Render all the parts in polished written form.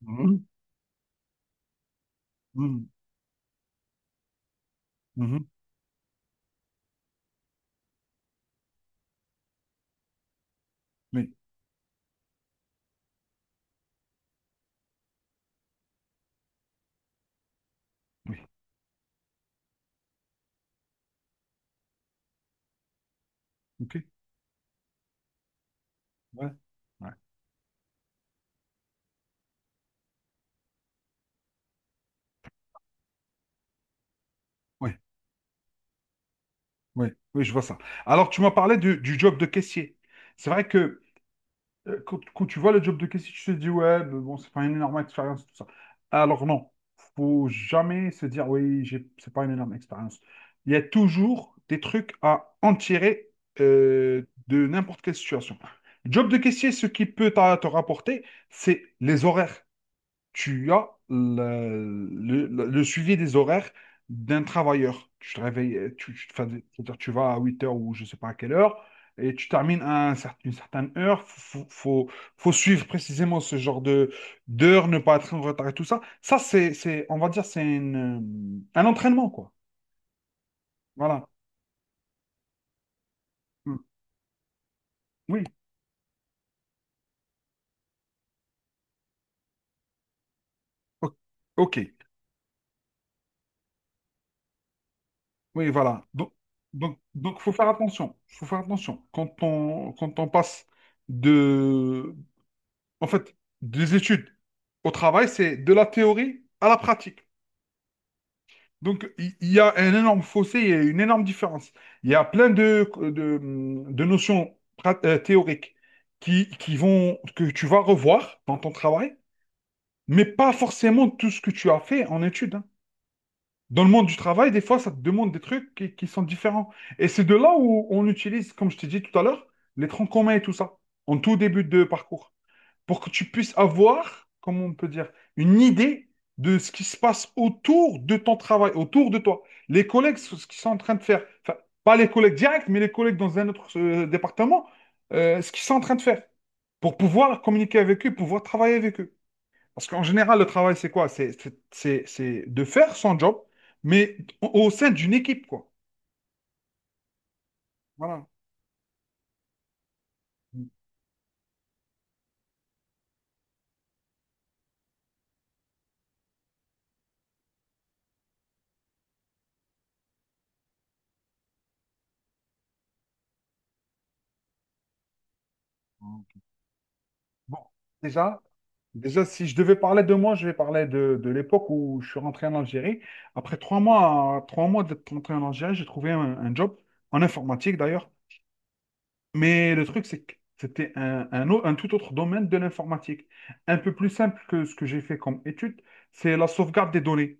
Mhm, mhm, mhm. Oui, oui, ok. Ouais, ouais, ouais, ouais, oui, je vois ça. Alors, tu m'as parlé du job de caissier. C'est vrai que quand tu vois le job de caissier, tu te dis, ouais, mais bon, c'est pas une énorme expérience, tout ça. Alors, non, faut jamais se dire, oui, c'est pas une énorme expérience. Il y a toujours des trucs à en tirer de n'importe quelle situation. Job de caissier, ce qui peut te rapporter, c'est les horaires. Tu as le suivi des horaires d'un travailleur. Tu te réveilles, enfin, c'est-à-dire tu vas à 8 heures ou je ne sais pas à quelle heure, et tu termines à une certaine heure. Faut suivre précisément ce genre de d'heures, ne pas être en retard et tout ça. Ça, on va dire, c'est un entraînement, quoi. Voilà. Mm. Oui. O- OK. Oui, voilà. Donc, faut faire attention. Faut faire attention. Quand on passe de en fait, des études au travail, c'est de la théorie à la pratique. Donc, il y a un énorme fossé, il y a une énorme différence. Il y a plein de notions théoriques qui vont, que tu vas revoir dans ton travail, mais pas forcément tout ce que tu as fait en études, hein. Dans le monde du travail, des fois, ça te demande des trucs qui sont différents. Et c'est de là où on utilise, comme je t'ai dit tout à l'heure, les troncs communs et tout ça, en tout début de parcours, pour que tu puisses avoir, comment on peut dire, une idée de ce qui se passe autour de ton travail, autour de toi. Les collègues, ce qu'ils sont en train de faire, enfin, pas les collègues directs, mais les collègues dans un autre département, ce qu'ils sont en train de faire, pour pouvoir communiquer avec eux, pouvoir travailler avec eux. Parce qu'en général, le travail, c'est quoi? C'est de faire son job, mais au sein d'une équipe, quoi. Voilà. Bon, déjà. Déjà, si je devais parler de moi, je vais parler de l'époque où je suis rentré en Algérie. Après trois mois d'être rentré en Algérie, j'ai trouvé un job en informatique d'ailleurs. Mais le truc, c'est que c'était un tout autre domaine de l'informatique. Un peu plus simple que ce que j'ai fait comme étude, c'est la sauvegarde des données.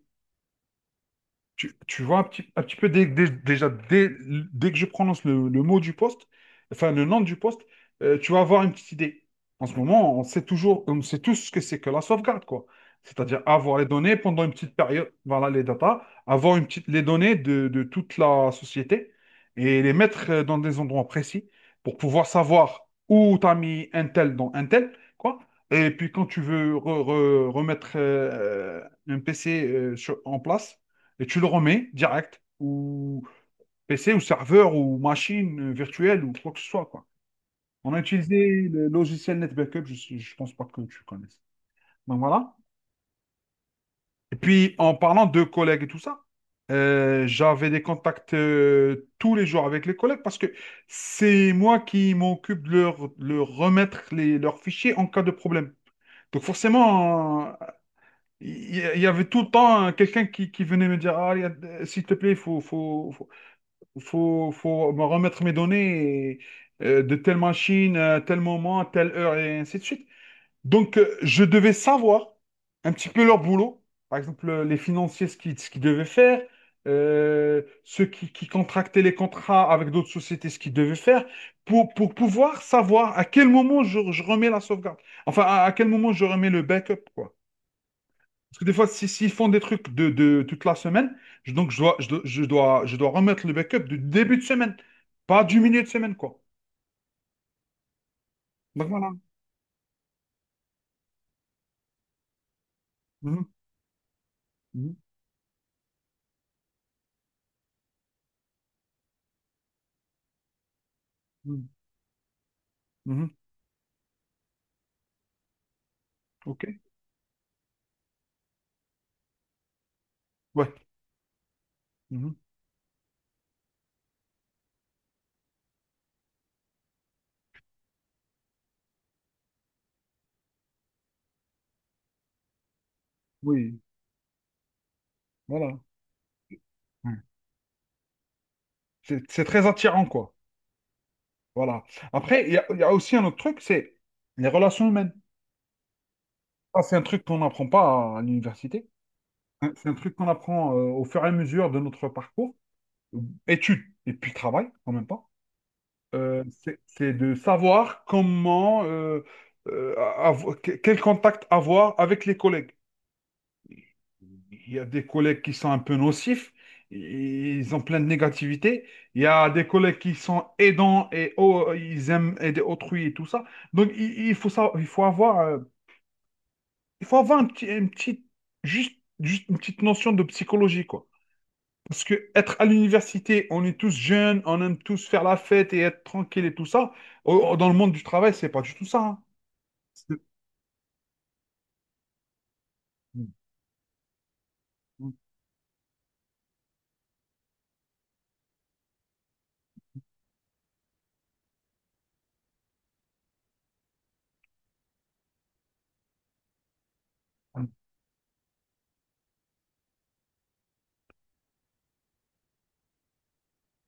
Tu vois un petit peu dès que je prononce le mot du poste, enfin le nom du poste, tu vas avoir une petite idée. En ce moment, on sait tous ce que c'est que la sauvegarde, quoi. C'est-à-dire avoir les données pendant une petite période, voilà les data, avoir les données de toute la société, et les mettre dans des endroits précis pour pouvoir savoir où tu as mis un tel dans un tel, quoi. Et puis quand tu veux remettre un PC en place, et tu le remets direct, ou PC, ou serveur, ou machine virtuelle, ou quoi que ce soit, quoi. On a utilisé le logiciel NetBackup, je ne pense pas que tu connaisses. Donc voilà. Et puis, en parlant de collègues et tout ça, j'avais des contacts tous les jours avec les collègues, parce que c'est moi qui m'occupe de leur remettre leurs fichiers en cas de problème. Donc forcément, y avait tout le temps quelqu'un qui venait me dire, ah, s'il te plaît, il faut me remettre mes données de telle machine, à tel moment, telle heure, et ainsi de suite. Donc, je devais savoir un petit peu leur boulot. Par exemple, les financiers, ce qu'ils devaient faire, ceux qui contractaient les contrats avec d'autres sociétés, ce qu'ils devaient faire, pour pouvoir savoir à quel moment je remets la sauvegarde. Enfin, à quel moment je remets le backup, quoi. Parce que des fois, s'ils font des trucs de toute la semaine, je dois remettre le backup du début de semaine, pas du milieu de semaine, quoi. Donc voilà. Mhm, mhm, mhm, mhm. OK. Ouais. Mhm. Oui, voilà. Ouais. C'est très attirant, quoi. Voilà. Après, il y a, aussi un autre truc, c'est les relations humaines. Ça, c'est un truc qu'on n'apprend pas à l'université. Hein, c'est un truc qu'on apprend au fur et à mesure de notre parcours, études et puis travail, en même temps. C'est de savoir comment, quel contact avoir avec les collègues. Il y a des collègues qui sont un peu nocifs, ils ont plein de négativité. Il y a des collègues qui sont aidants et oh, ils aiment aider autrui et tout ça. Donc il faut ça, il faut avoir juste, juste une petite notion de psychologie, quoi. Parce que être à l'université, on est tous jeunes, on aime tous faire la fête et être tranquille et tout ça. Dans le monde du travail, c'est pas du tout ça, hein. C'est-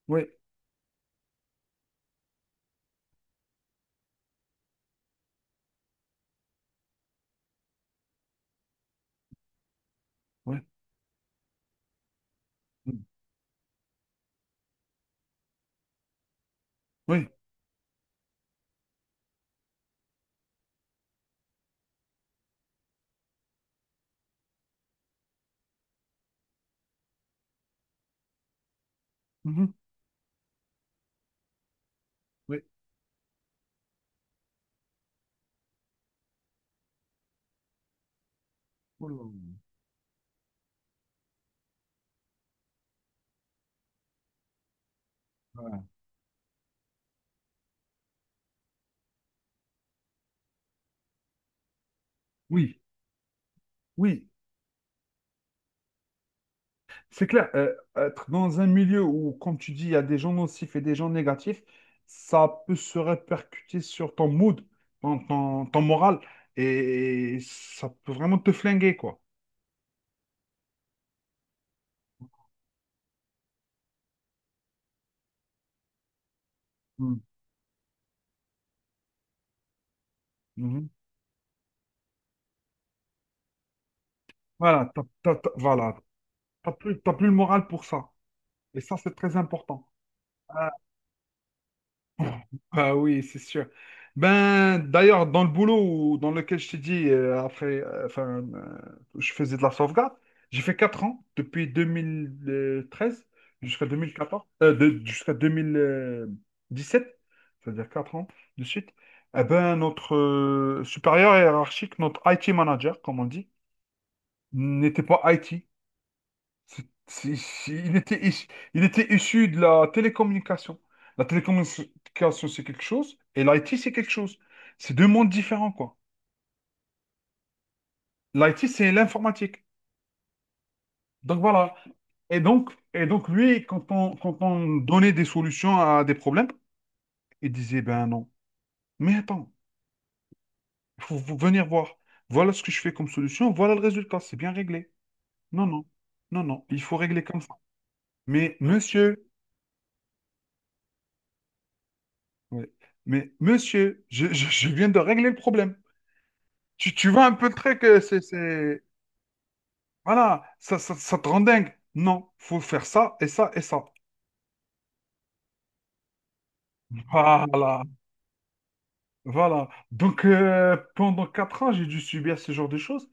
Oui, oui, oui, mhm, oui. Ouh là là. Voilà. Oui, oui, c'est clair. Être dans un milieu où, comme tu dis, il y a des gens nocifs et des gens négatifs, ça peut se répercuter sur ton mood, ton moral, et ça peut vraiment te flinguer, quoi. Mm. Mhm. Voilà, t'as plus le moral pour ça. Et ça, c'est très important. Ah, ah oui, c'est sûr. Ben, d'ailleurs, dans le boulot dans lequel je t'ai dit, je faisais de la sauvegarde, j'ai fait 4 ans, depuis 2013 jusqu'à 2014, jusqu'à 2017, c'est-à-dire 4 ans de suite. Eh ben, notre supérieur hiérarchique, notre IT manager, comme on dit, n'était pas IT. Il était, il était issu de la télécommunication. La télécommunication, c'est quelque chose, et l'IT, c'est quelque chose. C'est deux mondes différents, quoi. L'IT, c'est l'informatique. Donc voilà. Et donc, lui, quand on donnait des solutions à des problèmes, il disait, ben non. Mais attends, il faut vous venir voir. Voilà ce que je fais comme solution, voilà le résultat, c'est bien réglé. Non, non, non, non, il faut régler comme ça. Mais monsieur, ouais, mais monsieur, je je viens de régler le problème. Tu vois un peu le truc, voilà, ça te rend dingue. Non, faut faire ça et ça et ça. Voilà, voilà. Donc, pendant 4 ans, j'ai dû subir ce genre de choses,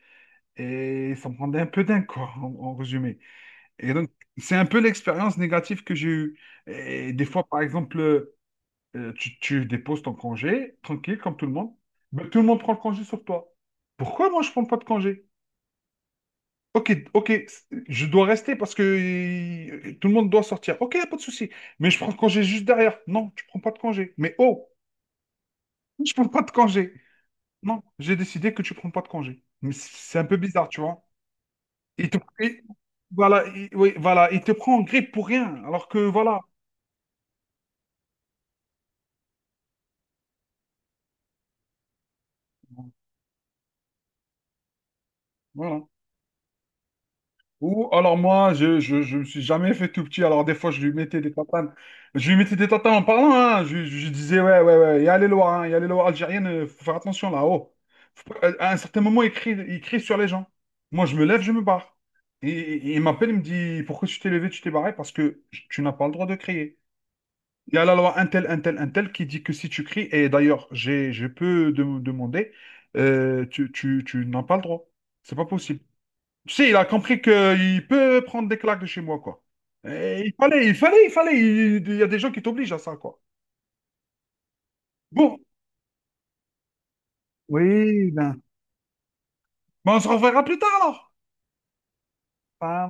et ça me rendait un peu dingue, quoi, en, résumé. Et donc, c'est un peu l'expérience négative que j'ai eue. Et des fois, par exemple, tu déposes ton congé, tranquille, comme tout le monde, mais tout le monde prend le congé sur toi. Pourquoi moi, je prends pas de congé? Ok, ok, je dois rester parce que tout le monde doit sortir. Ok, pas de souci. Mais je prends congé juste derrière. Non, tu prends pas de congé. Mais oh, je prends pas de congé. Non, j'ai décidé que tu prends pas de congé. Mais c'est un peu bizarre, tu vois. Il te, il- voilà, il- oui, voilà, il te prend en grippe pour rien. Alors que voilà, voilà. Ou alors moi, je me suis jamais fait tout petit. Alors des fois, je lui mettais des tatanes. Je lui mettais des tatanes en parlant. Hein. Je disais, ouais, ouais, ouais, il y a les lois, hein, il y a les lois algériennes, faut faire attention là-haut. Faut pas- À un certain moment, il crie sur les gens. Moi, je me lève, je me barre. Il m'appelle, il me dit, pourquoi tu t'es levé, tu t'es barré? Parce que tu n'as pas le droit de crier. Il y a la loi un tel, un tel, un tel qui dit que si tu cries, et d'ailleurs, je peux demander, tu n'as pas le droit. C'est pas possible. Tu sais, il a compris qu'il peut prendre des claques de chez moi, quoi. Et il fallait. Il y a des gens qui t'obligent à ça, quoi. Bon, oui, ben, ben on se reverra plus tard, alors. Pas